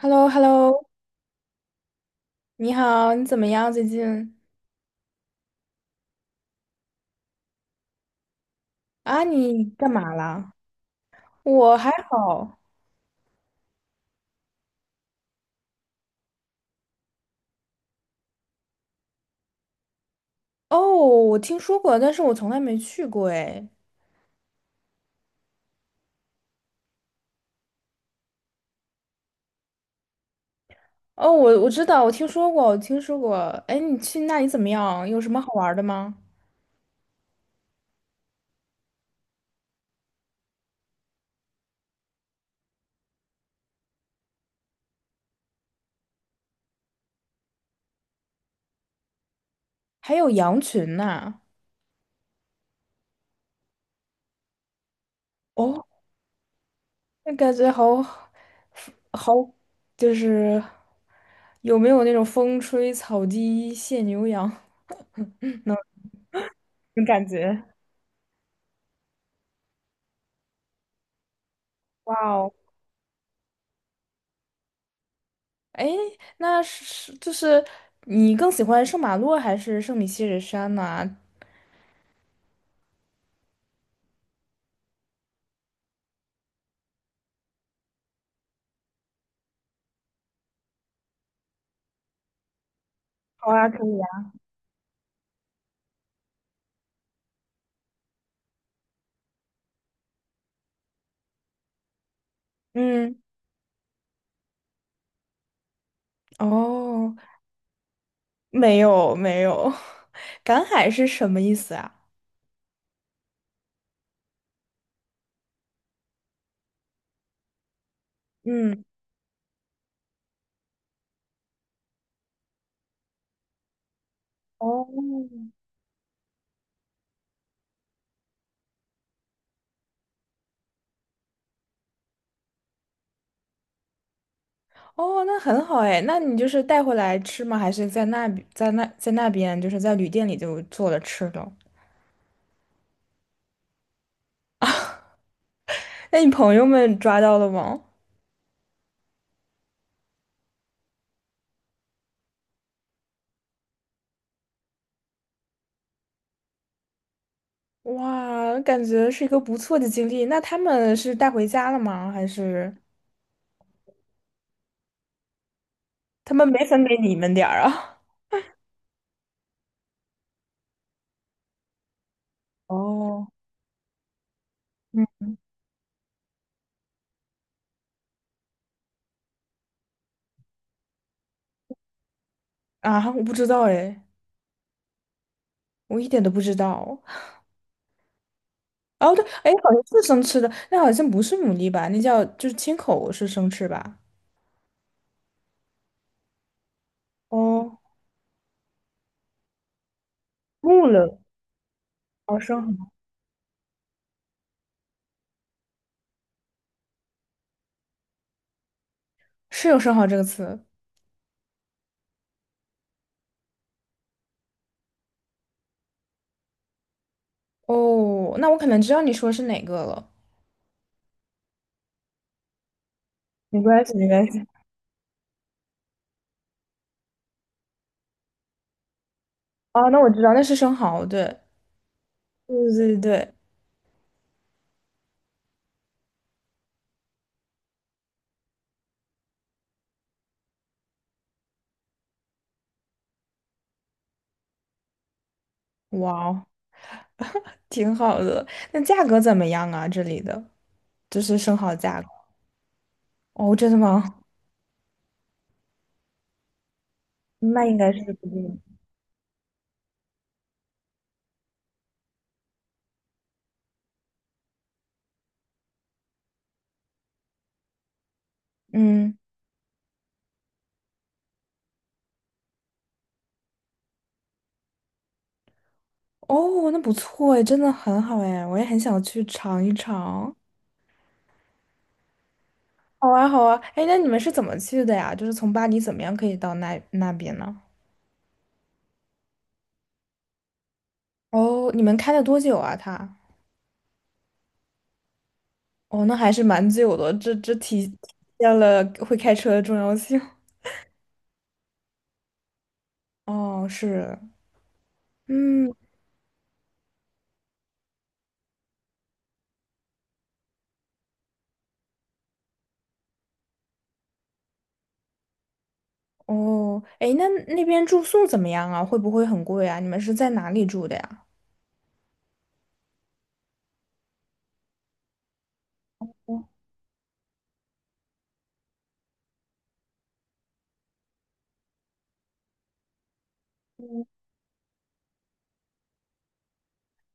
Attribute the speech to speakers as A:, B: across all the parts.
A: h e l l o h e l l o 你好，你怎么样最近？啊，你干嘛啦？我还好。哦，我听说过，但是我从来没去过哎。哦，我知道，我听说过，我听说过。哎，你去那里怎么样？有什么好玩儿的吗？还有羊群呢？哦，那感觉好好，就是有没有那种风吹草低见牛羊 的感觉？哇哦！哎，那是就是你更喜欢圣马洛还是圣米歇尔山呢？好啊，可以啊。嗯，哦，没有没有，赶海是什么意思啊？嗯，哦，哦，那很好哎，那你就是带回来吃吗？还是在那边就是在旅店里就做了吃的？那你朋友们抓到了吗？哇，感觉是一个不错的经历。那他们是带回家了吗？还是他们没分给你们点儿啊？哦，嗯，啊，我不知道哎，我一点都不知道。哦，对，哎，好像是生吃的，那好像不是牡蛎吧？那叫就是青口是生吃吧？哦，木了，哦，生蚝是有生蚝这个词。哦，那我可能知道你说是哪个了。没关系，没关系。哦，那我知道，那是生蚝，对，对对对。哇哦，挺好的。那价格怎么样啊？这里的就是生蚝价格。哦，真的吗？那应该是不贵。嗯。哦，那不错哎，真的很好哎，我也很想去尝一尝。好啊，好啊，哎，那你们是怎么去的呀？就是从巴黎怎么样可以到那边呢？哦，你们开了多久啊？他？哦，那还是蛮久的，这体现了会开车的重要性。哦，是，嗯，哦，哎，那那边住宿怎么样啊？会不会很贵啊？你们是在哪里住的呀？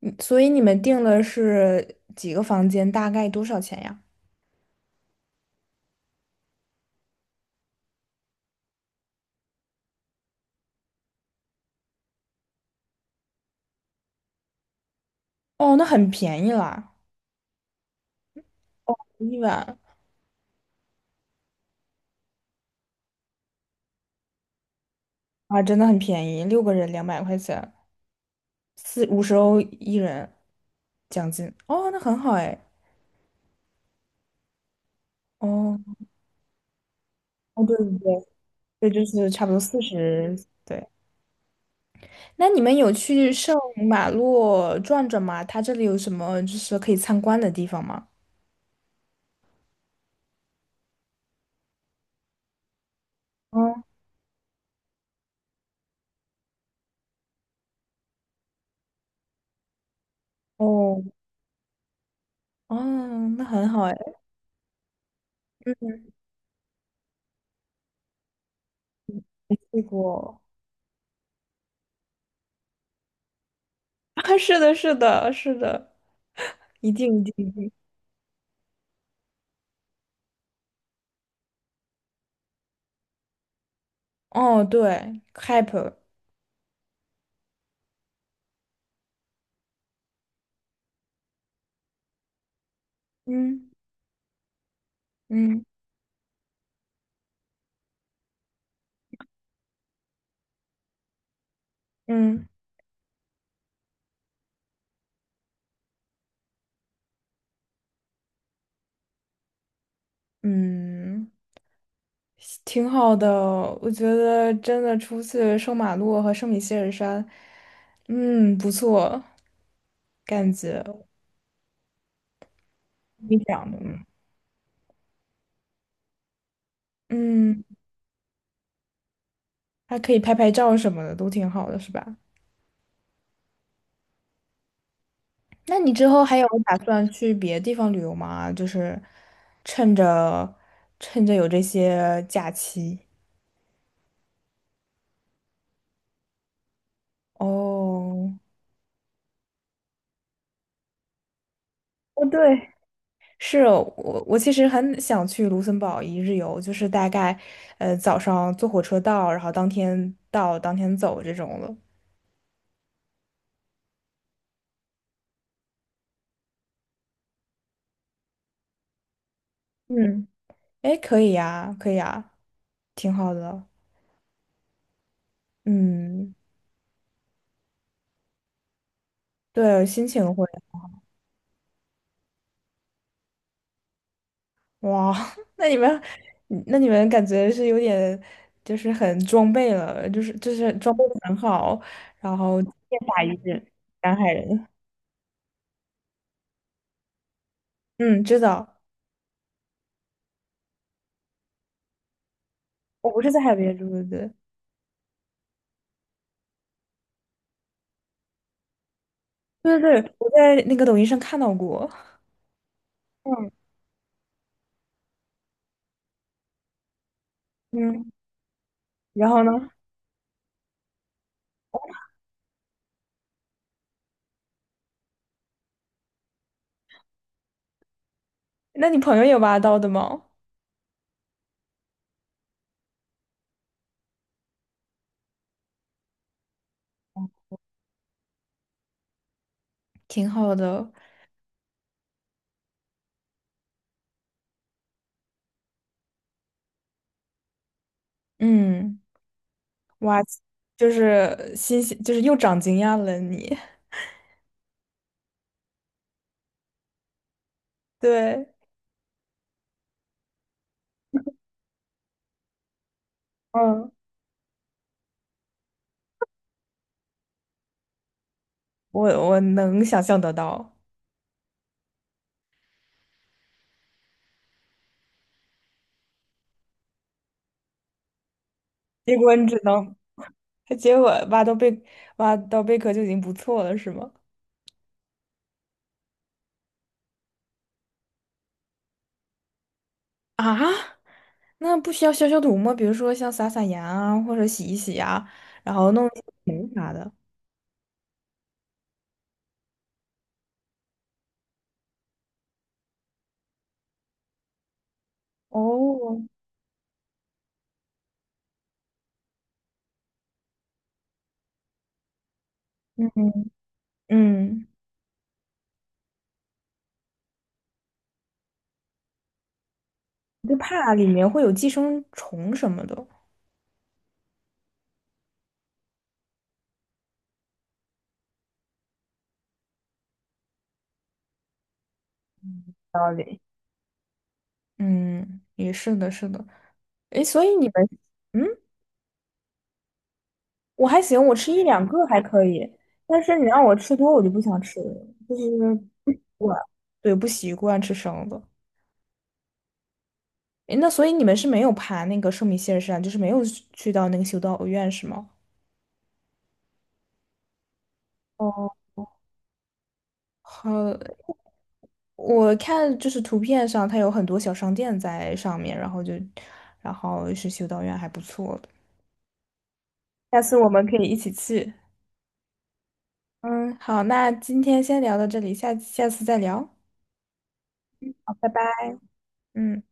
A: 嗯所以你们订的是几个房间，大概多少钱呀？哦，那很便宜啦，一晚。啊，真的很便宜，6个人200块钱，四五十欧一人奖金。哦，那很好哎。哦，哦，对对对，对，就是差不多40。对，那你们有去圣马洛转转吗？它这里有什么就是可以参观的地方吗？嗯，哦，哦，那很好哎，没去过。啊，是的，是的，是的，一定一定一定。哦，对 c a p 嗯嗯嗯嗯。挺好的，我觉得真的出去圣马洛和圣米歇尔山，嗯，不错，感觉你讲的。嗯，还可以拍拍照什么的，都挺好的，是吧？那你之后还有打算去别的地方旅游吗？就是趁着趁着有这些假期。哦，哦，对，是我，其实很想去卢森堡一日游，就是大概，早上坐火车到，然后当天到，当天走这种的。嗯，哎，可以呀，可以呀，挺好的。嗯，对，心情会。哇，那你们，那你们感觉是有点，就是很装备了，就是装备的很好，然后剑拔一帜，南海人。嗯，知道，我不是在海边住的，对对对，我在那个抖音上看到过。嗯嗯，然后呢？那你朋友有挖到的吗？挺好的，嗯，挖就是新鲜，就是又长经验了你。对，嗯，我能想象得到。结果你只能，结果挖到贝壳就已经不错了，是吗？啊，那不需要消消毒吗？比如说像撒撒盐啊，或者洗一洗啊，然后弄一些盐啥的。哦，嗯嗯，就怕里面会有寄生虫什么的。道理。嗯，也是的，是的。诶，所以你们，嗯，我还行，我吃一两个还可以，但是你让我吃多，我就不想吃了，就是 不习惯，对，不习惯吃生的。诶，那所以你们是没有爬那个圣米歇尔山，就是没有去到那个修道院是吗？哦，好，我看就是图片上它有很多小商店在上面，然后就，然后是修道院还不错的，下次我们可以一起去。嗯，好，那今天先聊到这里，下下次再聊，好，拜拜。嗯。